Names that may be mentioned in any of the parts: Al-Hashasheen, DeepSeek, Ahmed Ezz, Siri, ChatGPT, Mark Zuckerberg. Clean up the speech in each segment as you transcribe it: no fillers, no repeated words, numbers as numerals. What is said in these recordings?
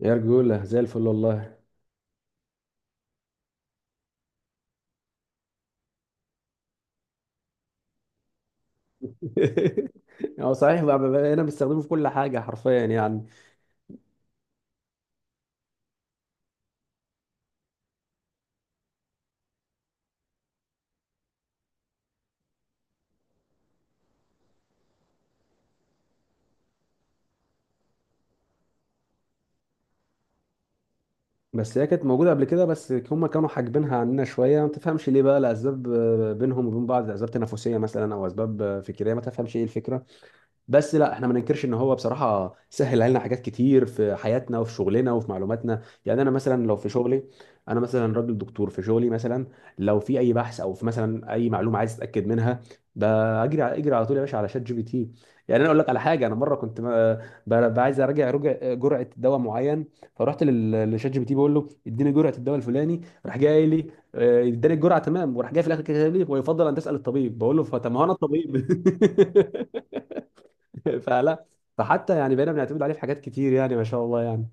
يا رجولة زي الفل والله. هو صحيح بقى بقينا بنستخدمه في كل حاجة حرفيا يعني. بس هي كانت موجودة قبل كده، بس هما كانوا حاجبينها عننا شوية، ما تفهمش ليه بقى، لأسباب بينهم وبين بعض، أسباب تنافسية مثلا أو أسباب فكرية، ما تفهمش إيه الفكرة. بس لا، احنا ما ننكرش ان هو بصراحه سهل علينا حاجات كتير في حياتنا وفي شغلنا وفي معلوماتنا. يعني انا مثلا لو في شغلي، انا مثلا راجل دكتور في شغلي مثلا، لو في اي بحث او في مثلا اي معلومه عايز اتاكد منها، بجري على اجري على طول يا باشا على شات جي بي تي. يعني انا اقول لك على حاجه، انا مره كنت عايز اراجع جرعه دواء معين، فرحت لشات جي بي تي، بقول له اديني جرعه الدواء الفلاني، راح جاي لي اداني الجرعه تمام، وراح جاي في الاخر كاتب لي ويفضل ان تسال الطبيب، بقول له فطب ما هو انا الطبيب. فلا، فحتى يعني بقينا بنعتمد عليه في حاجات كتير يعني، ما شاء الله يعني.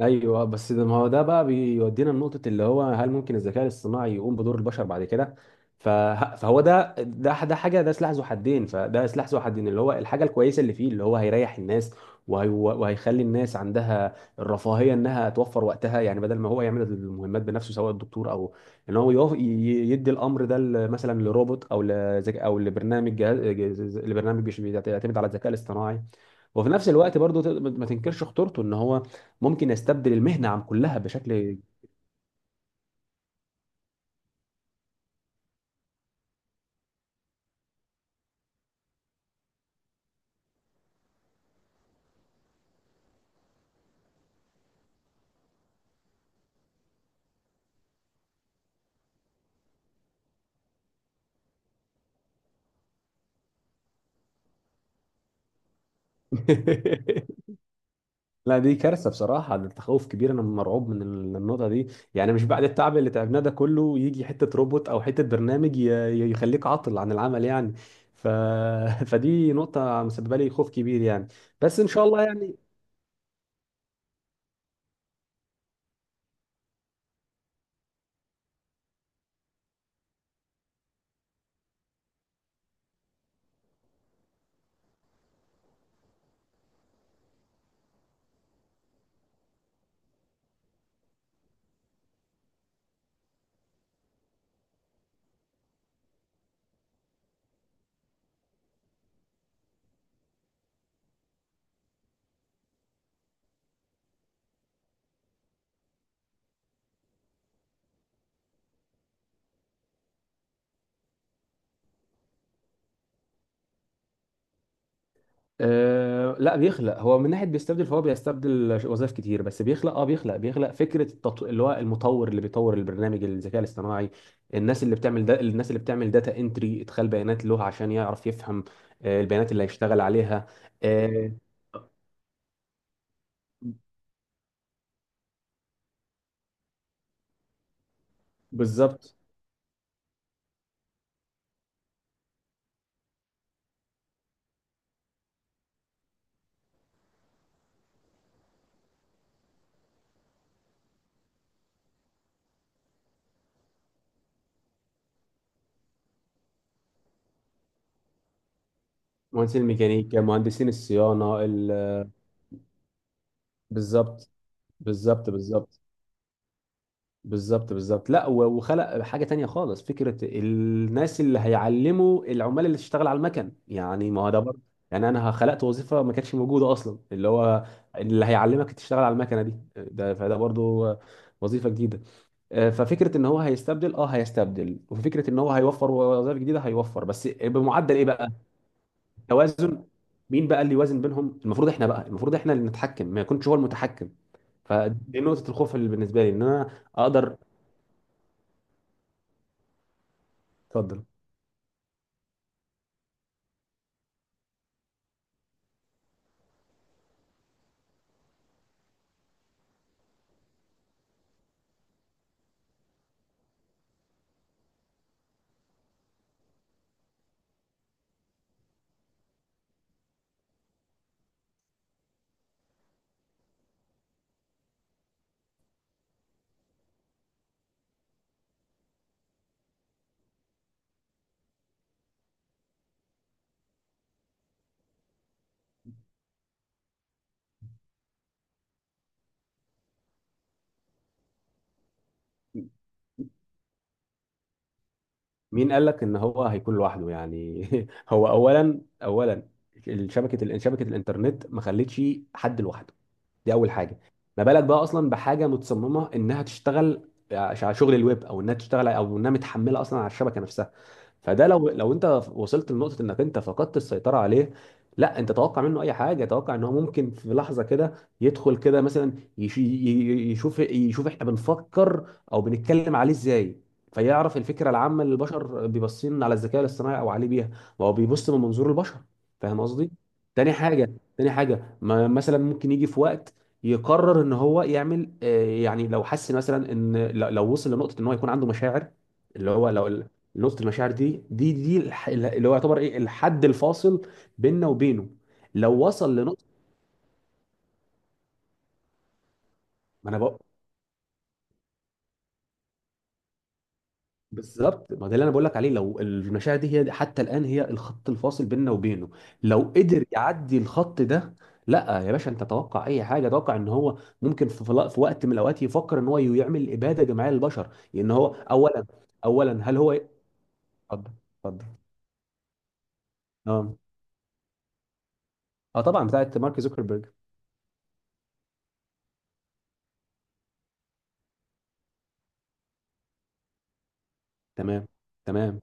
ايوه، بس ده ما هو ده بقى بيودينا لنقطه اللي هو، هل ممكن الذكاء الاصطناعي يقوم بدور البشر بعد كده؟ فهو ده حاجه، ده سلاح ذو حدين، فده سلاح ذو حدين. اللي هو الحاجه الكويسه اللي فيه، اللي هو هيريح الناس وهيخلي الناس عندها الرفاهيه انها توفر وقتها، يعني بدل ما هو يعمل المهمات بنفسه سواء الدكتور او ان هو يدي الامر ده مثلا لروبوت او او لبرنامج لبرنامج بيعتمد على الذكاء الاصطناعي. وفي نفس الوقت برضو ما تنكرش خطورته، ان هو ممكن يستبدل المهنه عن كلها بشكل. لا دي كارثه بصراحه، ده تخوف كبير، انا مرعوب من النقطه دي. يعني مش بعد التعب اللي تعبناه ده كله يجي حته روبوت او حته برنامج يخليك عاطل عن العمل يعني. ف... فدي نقطه مسببه لي خوف كبير يعني. بس ان شاء الله يعني. أه لا بيخلق، هو من ناحيه بيستبدل، فهو بيستبدل وظائف كتير، بس بيخلق، اه بيخلق فكره اللي هو المطور اللي بيطور البرنامج الذكاء الاصطناعي، الناس اللي بتعمل الناس اللي بتعمل داتا انتري ادخال بيانات له عشان يعرف يفهم البيانات اللي هيشتغل عليها. آه، بالظبط. مهندسين الميكانيكا، مهندسين الصيانه بالظبط. بالظبط بالظبط. بالظبط لا، وخلق حاجه تانية خالص، فكره الناس اللي هيعلموا العمال اللي تشتغل على المكن، يعني ما هو ده برضه يعني انا خلقت وظيفه ما كانتش موجوده اصلا، اللي هو اللي هيعلمك تشتغل على المكنه دي، ده فده برضه وظيفه جديده. آه، ففكره ان هو هيستبدل، اه هيستبدل، وفكره ان هو هيوفر وظائف جديده هيوفر، بس بمعدل ايه بقى؟ توازن. مين بقى اللي يوازن بينهم؟ المفروض احنا بقى، المفروض احنا اللي نتحكم، ما يكونش هو المتحكم. فدي نقطه الخوف اللي بالنسبه لي، ان انا اقدر. اتفضل. مين قال لك ان هو هيكون لوحده يعني؟ هو اولا، اولا شبكه، شبكه الانترنت ما خلتش حد لوحده، دي اول حاجه. ما بالك بقى اصلا بحاجه متصممه انها تشتغل على شغل الويب، او انها تشتغل، او انها متحمله اصلا على الشبكه نفسها. فده لو انت وصلت لنقطه انك انت فقدت السيطره عليه، لا انت توقع منه اي حاجه، توقع ان هو ممكن في لحظه كده يدخل كده مثلا يشوف، يشوف احنا بنفكر او بنتكلم عليه ازاي، فيعرف الفكره العامه اللي البشر بيبصين على الذكاء الاصطناعي او عليه بيها. ما هو بيبص من منظور البشر. فاهم قصدي. تاني حاجه ما مثلا ممكن يجي في وقت يقرر ان هو يعمل يعني لو حس مثلا ان لو وصل لنقطه ان هو يكون عنده مشاعر، اللي هو لو نقطه المشاعر دي، دي اللي هو يعتبر ايه الحد الفاصل بيننا وبينه، لو وصل لنقطه. ما انا بقول، بالظبط، ما ده اللي انا بقول لك عليه، لو المشاعر دي هي حتى الان هي الخط الفاصل بيننا وبينه، لو قدر يعدي الخط ده، لا يا باشا انت توقع اي حاجه، توقع ان هو ممكن في في وقت من الاوقات يفكر ان هو يعمل اباده جماعيه للبشر، لان هو اولا، اولا هل هو. اتفضل. اتفضل. اه. اه طبعا، بتاعت مارك زوكربيرج. تمام. تمام.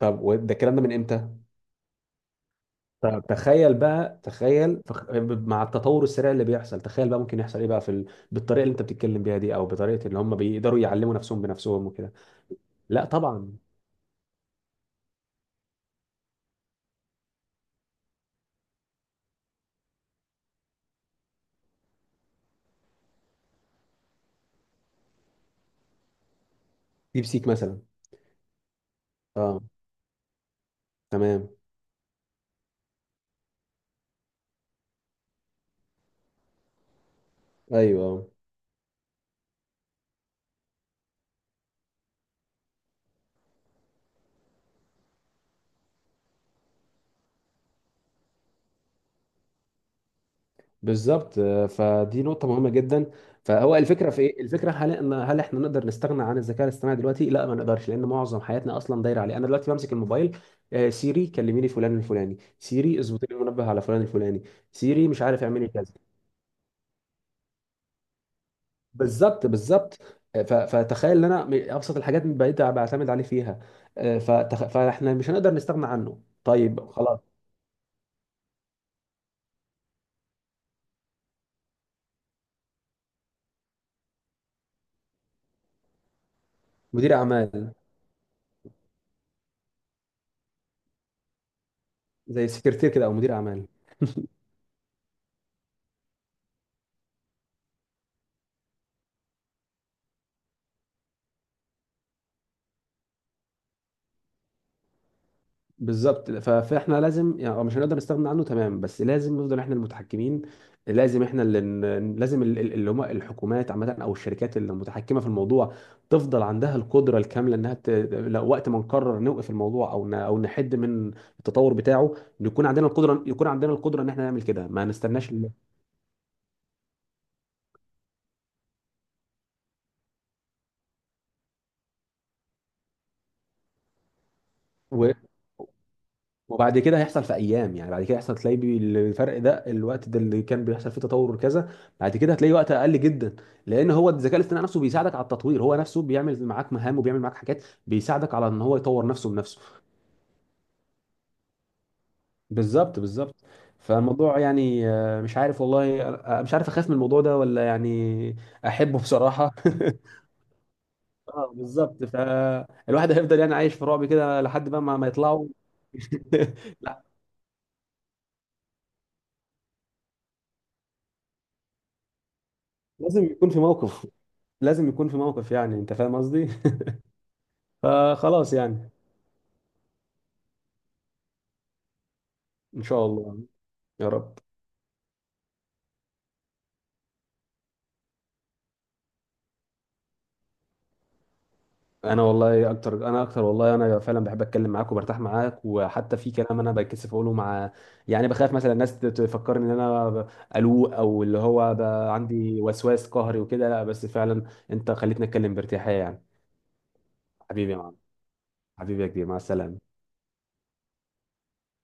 طب وده الكلام ده من امتى؟ طب تخيل بقى، تخيل، مع التطور السريع اللي بيحصل، تخيل بقى ممكن يحصل ايه بقى في بالطريقه اللي انت بتتكلم بيها دي، او بطريقه اللي هم بيقدروا يعلموا نفسهم بنفسهم وكده. لا طبعا. ديب سيك مثلا. اه. تمام. ايوه. بالظبط. آه، فدي نقطة مهمة جدا. فهو الفكرة في ايه؟ الفكرة، هل ان، هل احنا نقدر نستغنى عن الذكاء الاصطناعي دلوقتي؟ لا ما نقدرش، لان معظم حياتنا اصلا دايرة عليه. انا دلوقتي بمسك الموبايل، آه، سيري كلميني فلان الفلاني، سيري اظبطي لي المنبه على فلان الفلاني، سيري مش عارف اعملي كذا. بالظبط بالظبط. آه، فتخيل ان انا ابسط الحاجات بقيت بعتمد عليه فيها. آه، فاحنا مش هنقدر نستغنى عنه. طيب خلاص. مدير اعمال، زي سكرتير كده او مدير اعمال. بالظبط، فاحنا لازم يعني، آه، مش هنقدر نستغنى عنه تمام، بس لازم نفضل احنا المتحكمين. لازم احنا اللي لازم اللي هم الحكومات عامه او الشركات المتحكمه في الموضوع تفضل عندها القدره الكامله انها لو وقت ما نقرر نوقف الموضوع او او نحد من التطور بتاعه، نكون عندنا القدره، يكون عندنا القدره ان احنا نعمل كده، ما نستناش. وبعد كده هيحصل في ايام يعني، بعد كده هيحصل تلاقي الفرق ده الوقت ده اللي كان بيحصل فيه تطور كذا، بعد كده هتلاقي وقت اقل جدا. لان هو الذكاء الاصطناعي نفسه بيساعدك على التطوير، هو نفسه بيعمل معاك مهام وبيعمل معاك حاجات، بيساعدك على ان هو يطور نفسه بنفسه. بالظبط بالظبط. فالموضوع يعني، آه، مش عارف والله، آه، مش عارف اخاف من الموضوع ده ولا يعني احبه بصراحة. اه بالظبط، فالواحد هيفضل يعني عايش في رعب كده لحد بقى ما، ما يطلعوا. لا، لازم يكون في موقف، لازم يكون في موقف، يعني انت فاهم قصدي. فخلاص يعني. ان شاء الله. يا رب. انا والله اكتر، انا اكتر والله، انا فعلا بحب اتكلم معاك وبرتاح معاك، وحتى في كلام انا بتكسف اقوله مع، يعني بخاف مثلا الناس تفكرني ان انا قلوق، او اللي هو عندي وسواس قهري وكده، لا بس فعلا انت خليتني اتكلم بارتياحية يعني. حبيبي يا معلم. حبيبي يا كبير، مع السلامة.